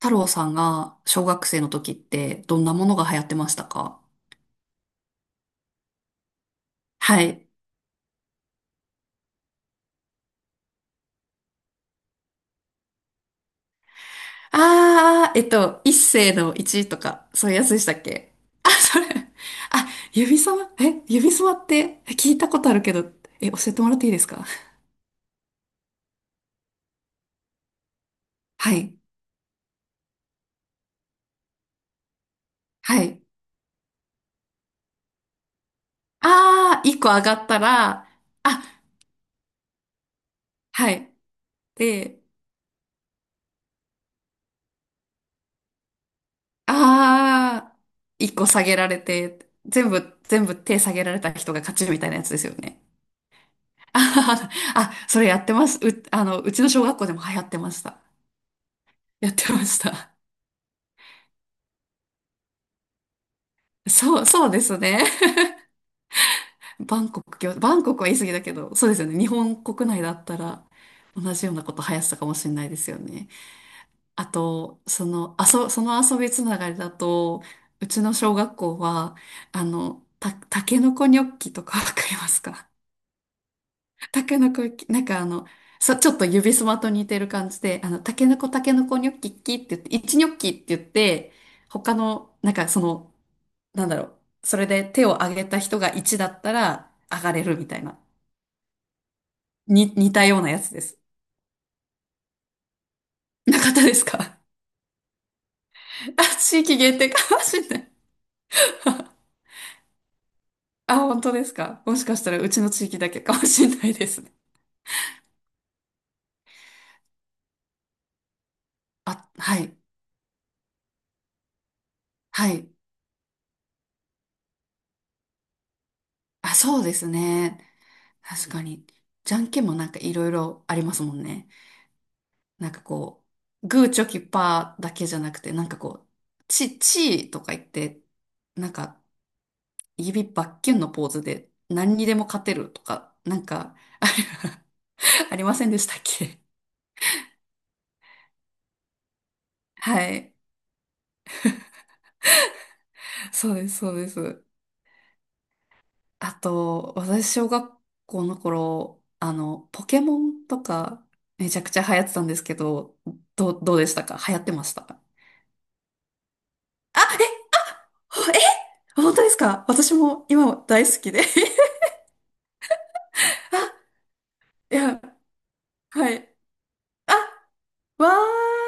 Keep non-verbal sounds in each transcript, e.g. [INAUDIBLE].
太郎さんが小学生の時ってどんなものが流行ってましたか？はい。あー、一世の一とか、そういうやつでしたっけ？あ、それ。あ、指さま、え、指すまって聞いたことあるけど、え、教えてもらっていいですか？はい。はい。あー、一個上がったら、あ、はい。で、あー、一個下げられて、全部手下げられた人が勝ちみたいなやつですよね。[LAUGHS] あ、あそれやってます。う、うちの小学校でも流行ってました。やってました。そうですね。バンコクは言い過ぎだけど、そうですよね。日本国内だったら同じようなこと流行ってたかもしれないですよね。あと、その遊びつながりだと、うちの小学校は、あの、タケノコニョッキとかわかりますか？タケノコ、なんかあの、ちょっと指すまと似てる感じで、あの、タケノコ、ニョッキッキって言って、一ニョッキって言って、他の、なんかその、なんだろう、それで手を挙げた人が一だったら、上がれるみたいな、似たようなやつです。なかったですか？ [LAUGHS] あ、地域限定かもしれない。[LAUGHS] あ、本当ですか？もしかしたらうちの地域だけかもしれないですね。あ、はい、はい。あ、そうですね。確かに。じゃんけんもなんかいろいろありますもんね。なんかこう、グーチョキパーだけじゃなくて、なんかこう、チーとか言って、なんか指バッキュンのポーズで何にでも勝てるとか、なんか、あれ、 [LAUGHS] ありませんでしたっけ？はい。そうです、そうです。あと、私、小学校の頃、あの、ポケモンとか、めちゃくちゃ流行ってたんですけど、どうでしたか？流行ってました？あ、え、ほえ、本当ですか？私も今大好きで。 [LAUGHS] あ、いや、はい。あわ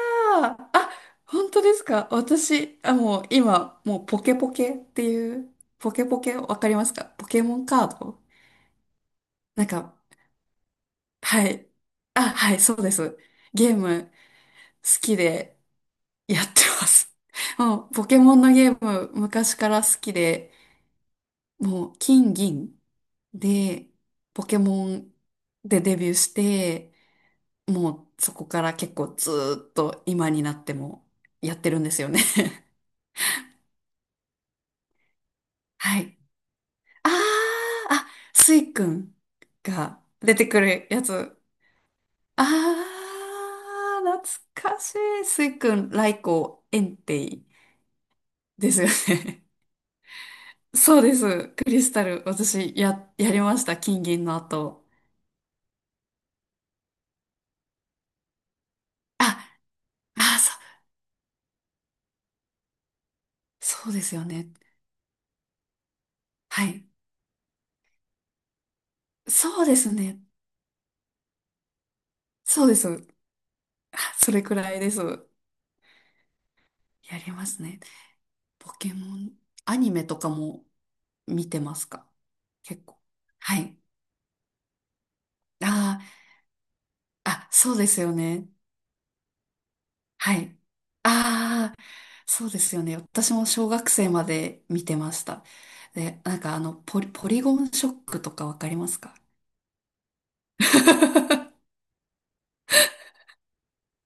あ、あ、本当ですか？私、あ、もうポケポケっていう、ポケポケわかりますか？ポケモンカードなんか、はい。あ、はい、そうです。ゲーム好きでやってます。[LAUGHS] もうポケモンのゲーム昔から好きで、もう金銀でポケモンでデビューして、もうそこから結構ずーっと今になってもやってるんですよね。[LAUGHS] はい。あー、あ、スイくんが出てくるやつ。ああ、懐かしい。スイくん、ライコウ、エンテイですよね。[LAUGHS] そうです。クリスタル、私、やりました。金銀の後。あ、あそうですよね。はい。そうですね。そうです。あそれくらいです。やりますね。ポケモン、アニメとかも見てますか？結構。はい。ああ。あ、そうですよね。はい。ああ、そうですよね。私も小学生まで見てました。で、なんかあの、ポリゴンショックとかわかりますか？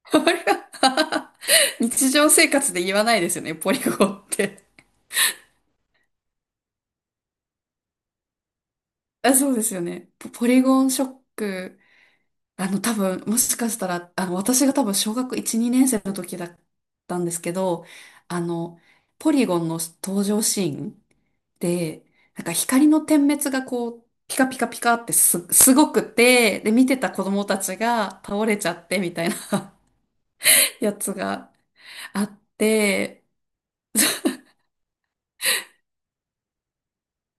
あ、 [LAUGHS] れは、 [LAUGHS] 日常生活で言わないですよね、ポリゴンって。あ、そうですよね。ポリゴンショック、あの、多分、もしかしたら、あの、私が多分小学1、2年生の時だったんですけど、あの、ポリゴンの登場シーンで、なんか光の点滅がこう、ピカピカピカってすごくて、で、見てた子供たちが倒れちゃってみたいな [LAUGHS] やつがあって、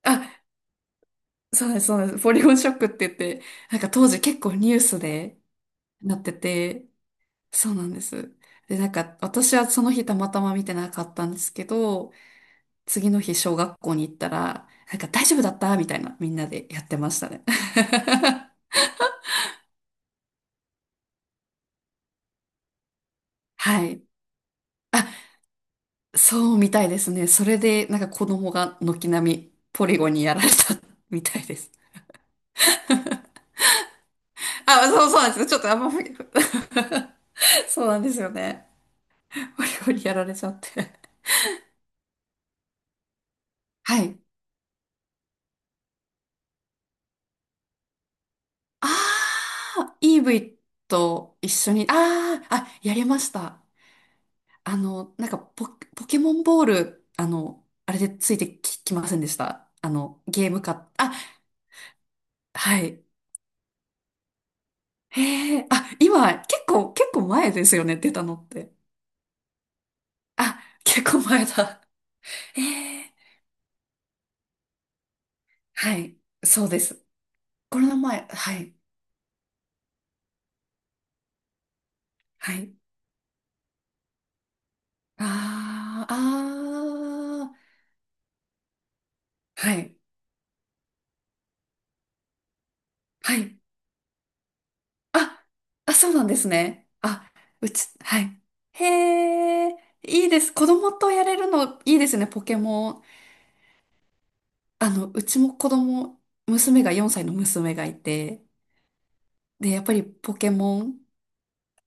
あ、そうなんです、ポリゴンショックって言って、なんか当時結構ニュースでなってて、そうなんです。で、なんか私はその日たまたま見てなかったんですけど、次の日小学校に行ったら、なんか大丈夫だったみたいなみんなでやってましたね。[LAUGHS] はい。そうみたいですね。それで、なんか子供が軒並みポリゴンにやられた。 [LAUGHS] みたいです。あ、そうそうなんですよ。ちょっとあんま、ふ、 [LAUGHS] そうなんですよね。ポリゴンにやられちゃって。はい。ああ、EV と一緒に、ああ、あ、やりました。あの、なんかポ、ポケモンボール、あの、あれでついてき、きませんでした？あの、ゲームか、あ、はい。へえ、あ、今、結構前ですよね、出たのって。あ、結構前だ。ええ、はい。そうです。コロナ前、はい。はい。ああ、ああ、はい。はい。あ、あ、そうなんですね。あ、うち、はい。へえ、いいです。子供とやれるのいいですね、ポケモン。あの、うちも子供、娘が4歳の娘がいて、で、やっぱりポケモン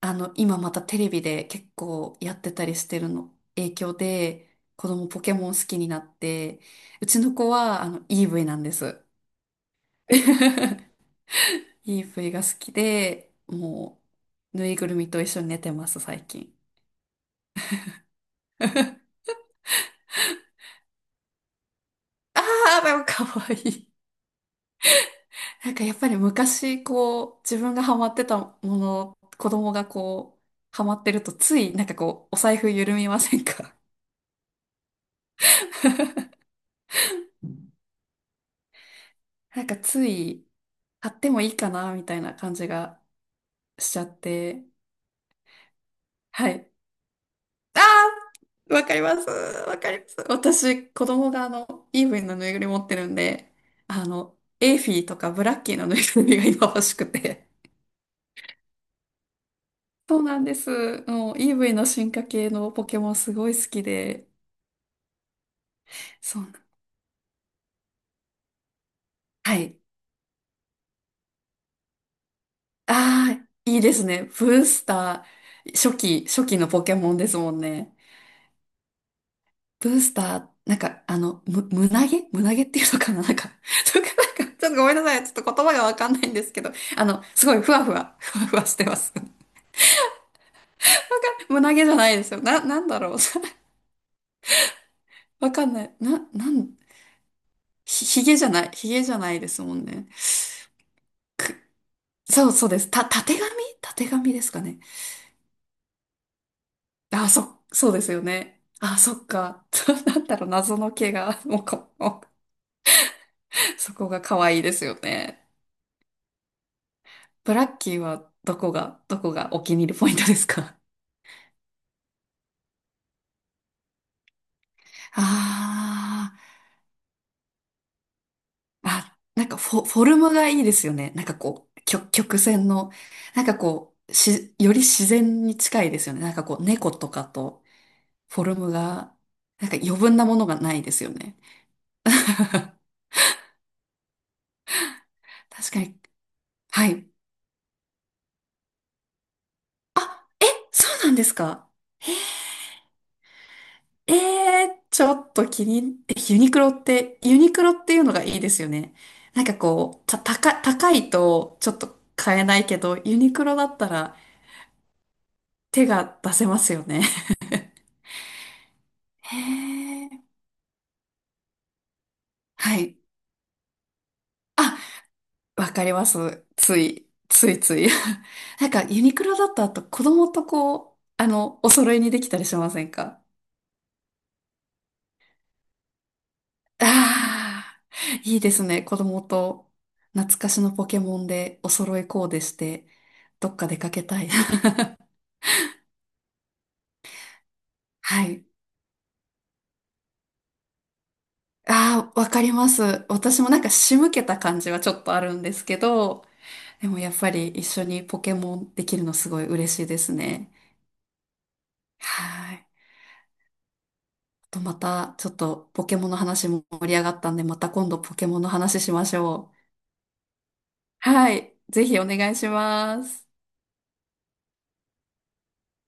あの、今またテレビで結構やってたりしてるの影響で、子供ポケモン好きになって、うちの子は、あの、EV なんです。[LAUGHS] EV が好きで、もう、ぬいぐるみと一緒に寝てます、最近。[LAUGHS] ああ、でもかわいい。なんかやっぱり昔、こう、自分がハマってたもの、子供がこう、ハマってると、つい、なんかこう、お財布緩みませんか？ [LAUGHS] なんかつい、買ってもいいかな、みたいな感じがしちゃって、はい。あー、わかります。わかります。私、子供があの、イーブンのぬいぐるみ持ってるんで、あの、エーフィーとかブラッキーのぬいぐるみが今欲しくて。そうなんです。もう、イーブイの進化系のポケモンすごい好きで。そうな。はい。ああ、いいですね。ブースター、初期、初期のポケモンですもんね。ブースター、なんか、あの、む、胸毛胸毛っていうのかな、なんか、[LAUGHS] とか、なんか、ちょっとごめんなさい。ちょっと言葉がわかんないんですけど、あの、すごいふわふわしてます。[LAUGHS] 胸毛じゃないですよ。な、なんだろう。[LAUGHS] わかんない。な、なん、ひ、ひげじゃない。ひげじゃないですもんね。く、そうそうです。たてがみたてがみですかね。あ、そ、そうですよね。あ、そっか。[LAUGHS] そうなんだろう。謎の毛が、もうこ、もうそこが可愛いですよね。ブラッキーはどこが、どこがお気に入りポイントですか？ああ、あ、なんかフォ、フォルムがいいですよね。なんかこう、曲、曲線の、なんかこう、し、より自然に近いですよね。なんかこう、猫とかと、フォルムが、なんか余分なものがないですよね。[LAUGHS] 確かに。はい。あ、え、そうなんですか。ええー、ちょっと気に、え、ユニクロって、ユニクロっていうのがいいですよね。なんかこう、た、高、高いとちょっと買えないけど、ユニクロだったら手が出せますよね。へえ。はい。あ、わかります。つい、ついつい。[LAUGHS] なんか、ユニクロだと、あと子供とこう、あの、お揃いにできたりしませんか？ああー、いいですね。子供と懐かしのポケモンでお揃いコーデして、どっか出かけたい。[LAUGHS] はい。ああ、わかります。私もなんか仕向けた感じはちょっとあるんですけど、でもやっぱり一緒にポケモンできるのすごい嬉しいですね。はい。とまた、ちょっとポケモンの話も盛り上がったんで、また今度ポケモンの話しましょう。はい。ぜひお願いします。